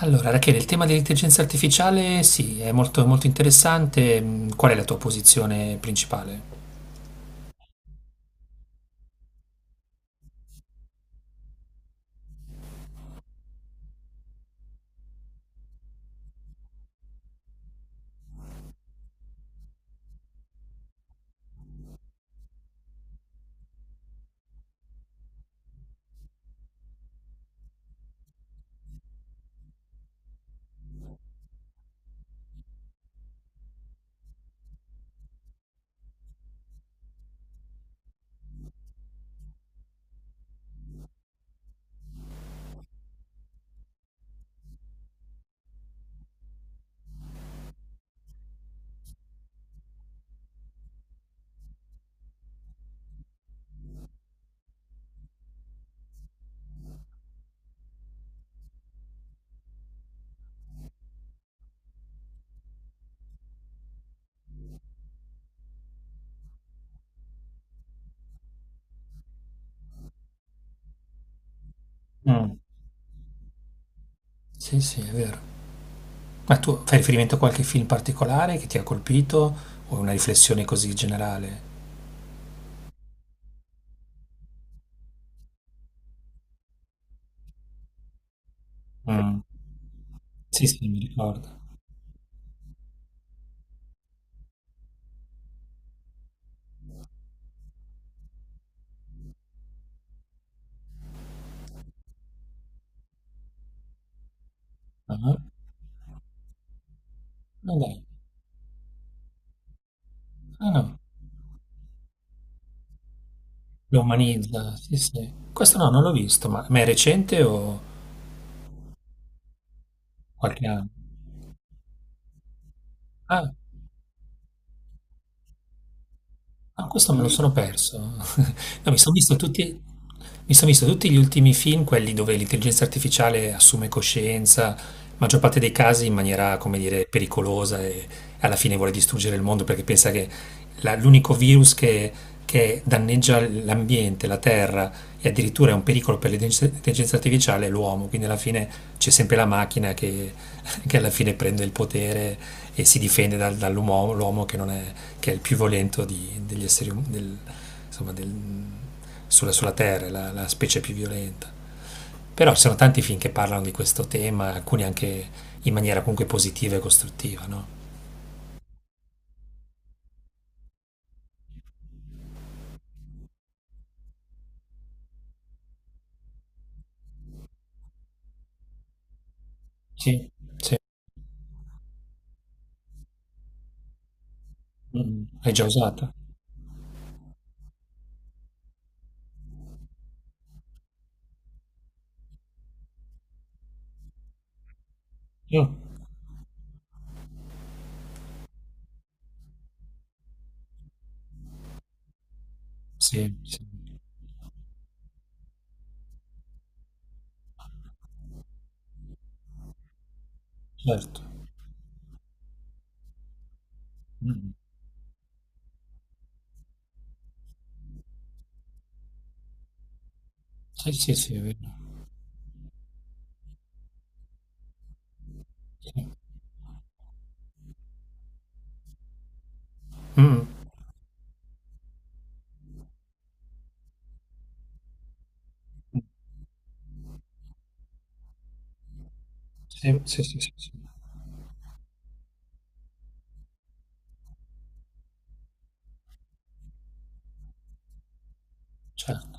Allora, Rachele, il tema dell'intelligenza artificiale sì, è molto, molto interessante. Qual è la tua posizione principale? Mm. Sì, sì, è vero. Ma tu fai riferimento a qualche film particolare che ti ha colpito o una riflessione così generale? Mm. Sì, sì, mi ricordo. Ah, no, dai. Ah, no. Lo umanizza, sì, sì. Questo no, non l'ho visto, ma è recente o qualche anno? Ah, ah, questo me lo sono perso. No, mi son visto tutti gli ultimi film, quelli dove l'intelligenza artificiale assume coscienza, maggior parte dei casi in maniera, come dire, pericolosa e alla fine vuole distruggere il mondo perché pensa che l'unico virus che danneggia l'ambiente, la terra e addirittura è un pericolo per l'intelligenza artificiale l'uomo, quindi alla fine c'è sempre la macchina che, che alla fine prende il potere e si difende dall'uomo, l'uomo che, non è, che è il più violento degli esseri insomma, sulla Terra, la specie più violenta. Però ci sono tanti film che parlano di questo tema, alcuni anche in maniera comunque positiva e costruttiva, no? Sì, sì. Mm. L'hai già usata? Io? Sì, sì, certo. Mm. Sì, sì, sì, è vero. Sì. Mh. Sì, sì, sì, sì, sì, certo.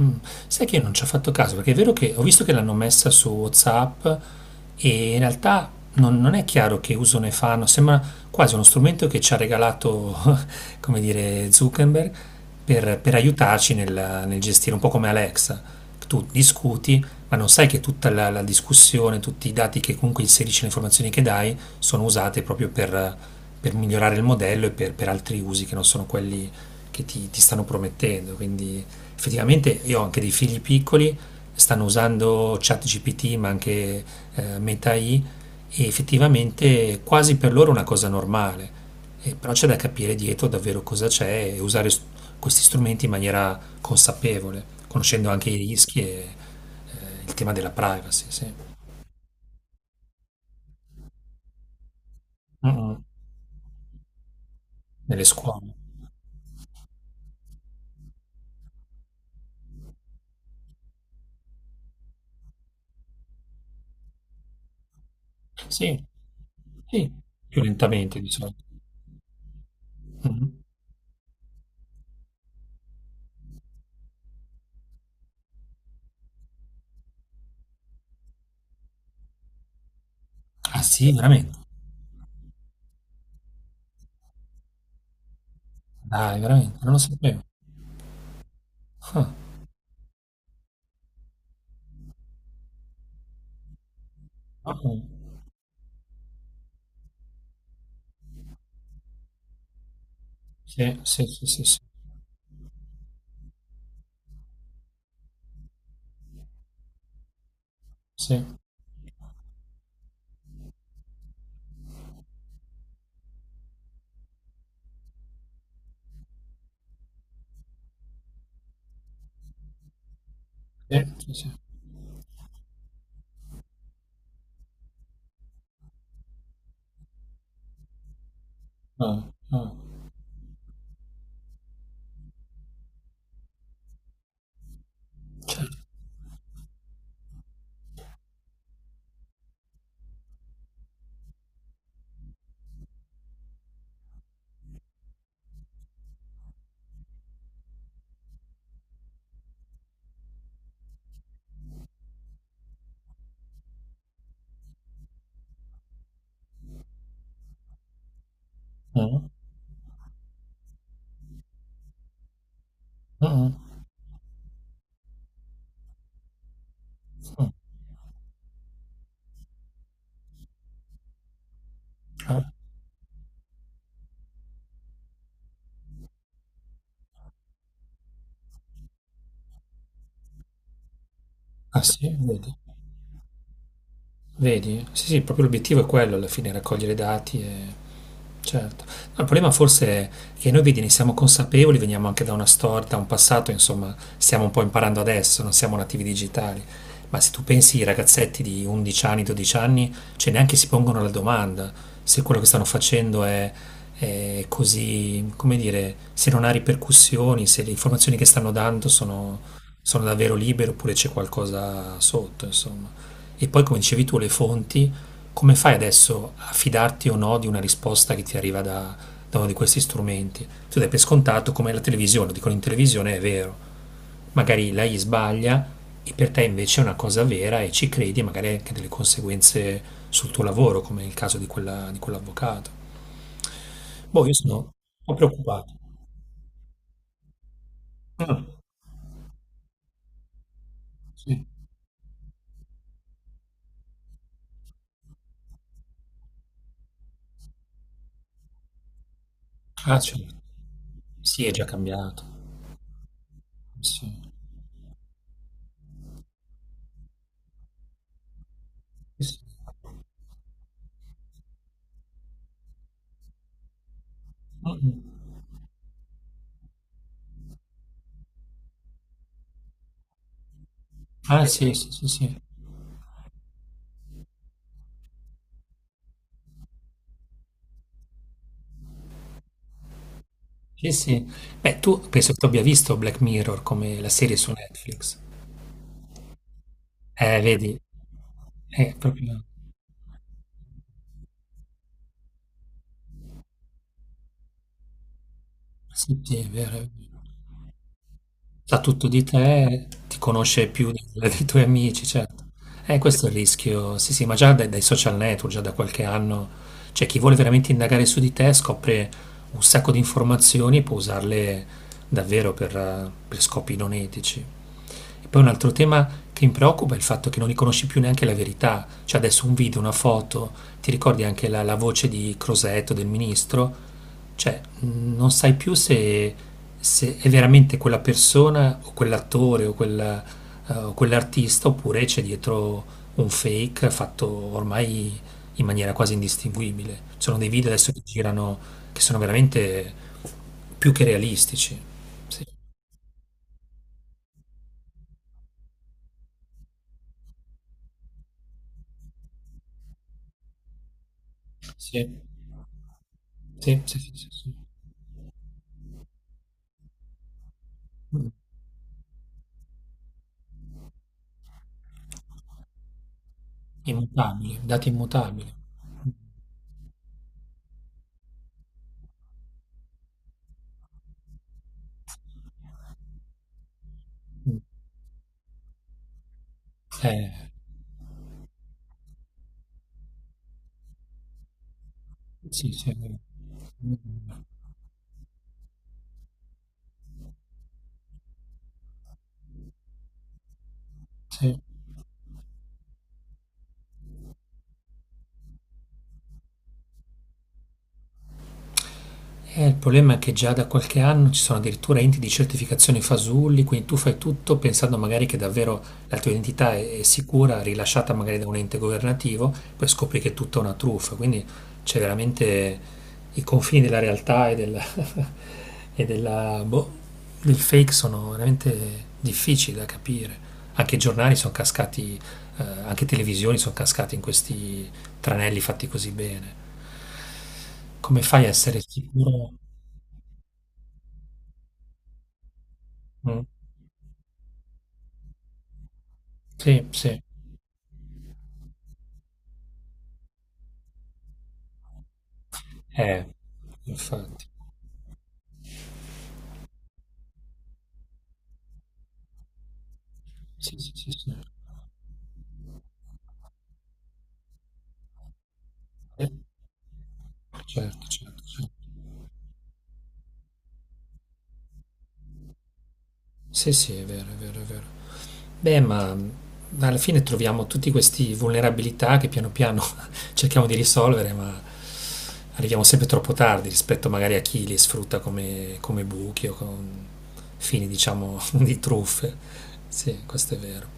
Mm, sai che io non ci ho fatto caso, perché è vero che ho visto che l'hanno messa su WhatsApp e in realtà non è chiaro che uso ne fanno, sembra quasi uno strumento che ci ha regalato, come dire, Zuckerberg per aiutarci nel gestire, un po' come Alexa. Tu discuti, ma non sai che tutta la discussione, tutti i dati che comunque inserisci, le informazioni che dai, sono usate proprio per migliorare il modello e per altri usi che non sono quelli che ti stanno promettendo. Quindi effettivamente io ho anche dei figli piccoli, stanno usando ChatGPT, ma anche Meta AI, e effettivamente quasi per loro è una cosa normale. Però c'è da capire dietro davvero cosa c'è e usare questi strumenti in maniera consapevole, conoscendo anche i rischi e il tema della privacy, sì. Mm, mm. Nelle scuole. Sì, sì, più lentamente di solito. Mhm. Ah sì, veramente? Dai, veramente, non lo sapevo. Ah, ok. Sì, sì, sì, sì, sì. Sì. Sì, sì, sì. Mh, mh. Certo. Mh. Mh-mh. Mh. Ah. Ah sì? Vedi? Vedi? Sì, sì, proprio l'obiettivo è quello alla fine, raccogliere dati e... Certo. No, il problema forse è che noi, vedi, ne siamo consapevoli, veniamo anche da una storia, da un passato, insomma, stiamo un po' imparando adesso, non siamo nativi digitali. Ma se tu pensi ai ragazzetti di 11 anni, 12 anni, cioè neanche si pongono la domanda se quello che stanno facendo è così, come dire, se non ha ripercussioni, se le informazioni che stanno dando sono, sono davvero libere oppure c'è qualcosa sotto, insomma. E poi, come dicevi tu, le fonti, come fai adesso a fidarti o no di una risposta che ti arriva da uno di questi strumenti? Tu dai per scontato come la televisione, lo dicono in televisione, è vero. Magari lei sbaglia e per te invece è una cosa vera e ci credi e magari hai anche delle conseguenze sul tuo lavoro, come nel caso di di quell'avvocato. Boh, io sono un po' preoccupato. Sì. Ah, cioè, sì, è già cambiato. Ah, sì, sì, sì, sì. Sì, sì. Beh, tu penso che tu abbia visto Black Mirror come la serie su Netflix. Vedi, è proprio... Sì, sì, è vero. È vero. Sa tutto di te, ti conosce più dei tuoi amici, certo. Questo è il rischio. Sì, sì, ma già dai, dai social network, già da qualche anno, cioè chi vuole veramente indagare su di te scopre un sacco di informazioni e può usarle davvero per scopi non etici. E poi un altro tema che mi preoccupa è il fatto che non riconosci più neanche la verità. Cioè adesso un video, una foto, ti ricordi anche la voce di Crosetto, del ministro? Cioè non sai più se è veramente quella persona o quell'attore o o quell'artista oppure c'è dietro un fake fatto ormai in maniera quasi indistinguibile. Ci sono dei video adesso che girano che sono veramente più che realistici. Sì. Il problema è che già da qualche anno ci sono addirittura enti di certificazione fasulli, quindi tu fai tutto pensando magari che davvero la tua identità è sicura, rilasciata magari da un ente governativo, poi scopri che è tutta una truffa, quindi c'è veramente i confini della realtà e della, e della, boh, del fake sono veramente difficili da capire. Anche i giornali sono cascati, anche televisioni sono cascati in questi tranelli fatti così bene. Come fai a essere sicuro? Eh, sì, sì, è vero, è vero, è vero. Beh, ma alla fine troviamo tutti questi vulnerabilità che piano piano cerchiamo di risolvere, ma arriviamo sempre troppo tardi rispetto magari a chi li sfrutta come buchi o con fini, diciamo, di truffe. Sì, questo è vero.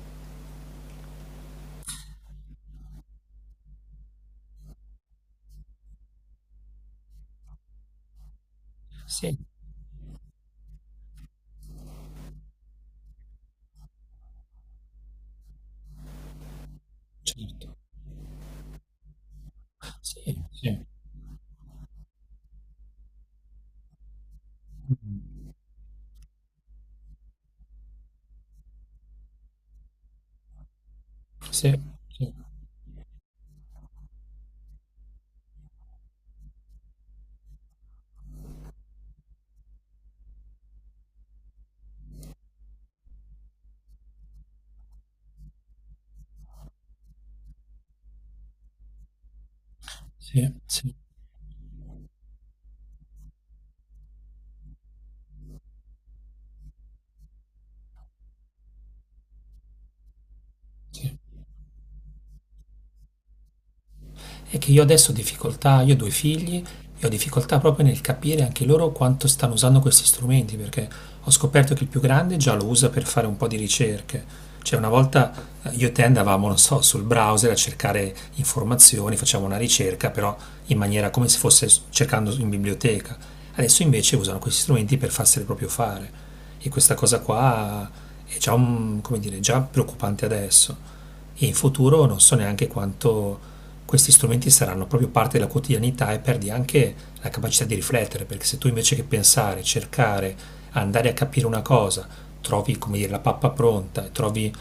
È che io adesso ho difficoltà, io ho due figli e ho difficoltà proprio nel capire anche loro quanto stanno usando questi strumenti, perché ho scoperto che il più grande già lo usa per fare un po' di ricerche. Cioè una volta io e te andavamo, non so, sul browser a cercare informazioni, facciamo una ricerca, però in maniera come se fosse cercando in biblioteca. Adesso invece usano questi strumenti per farseli proprio fare. E questa cosa qua è già, come dire, già preoccupante adesso. E in futuro non so neanche quanto questi strumenti saranno proprio parte della quotidianità e perdi anche la capacità di riflettere, perché se tu invece che pensare, cercare, andare a capire una cosa, trovi come dire, la pappa pronta, trovi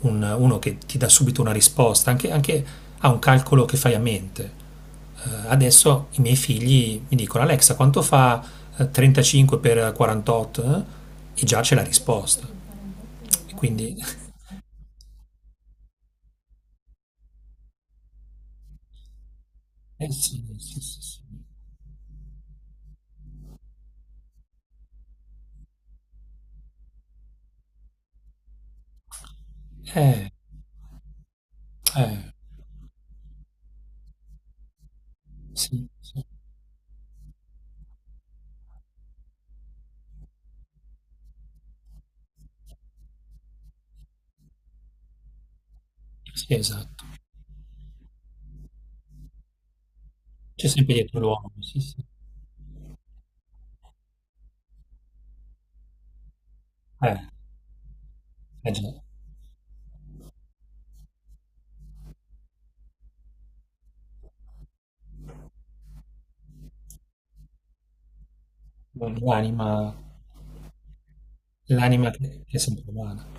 uno che ti dà subito una risposta, anche, anche a un calcolo che fai a mente. Adesso i miei figli mi dicono Alexa quanto fa 35 per 48? Eh? E già c'è la risposta. E quindi è sempre male.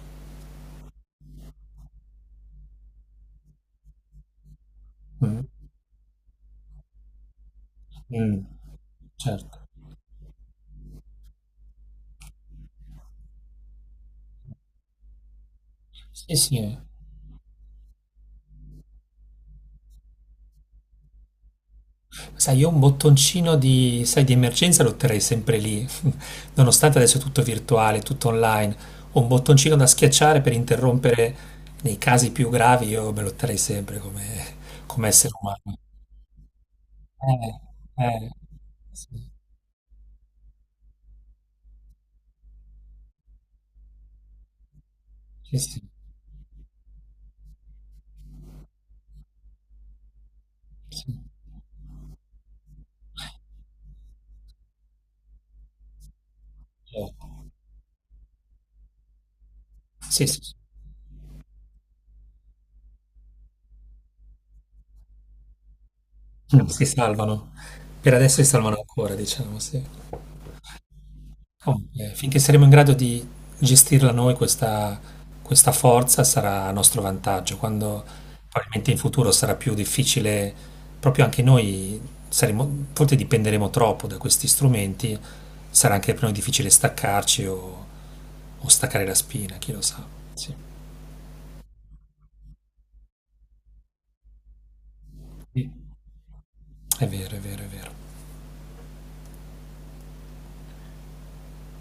Sai, io un bottoncino di, sai, di emergenza lo terrei sempre lì, nonostante adesso è tutto virtuale, tutto online. Ho un bottoncino da schiacciare per interrompere nei casi più gravi, io me lo terrei sempre come, essere umano. Sì, sì, sì. Mm. Si salvano. Per adesso si salvano ancora, diciamo, sì. Ok, finché saremo in grado di gestirla noi questa forza sarà a nostro vantaggio, quando probabilmente in futuro sarà più difficile, proprio anche noi saremo, forse dipenderemo troppo da questi strumenti, sarà anche per noi difficile staccarci o staccare la spina, chi lo sa. È vero, è vero, è vero.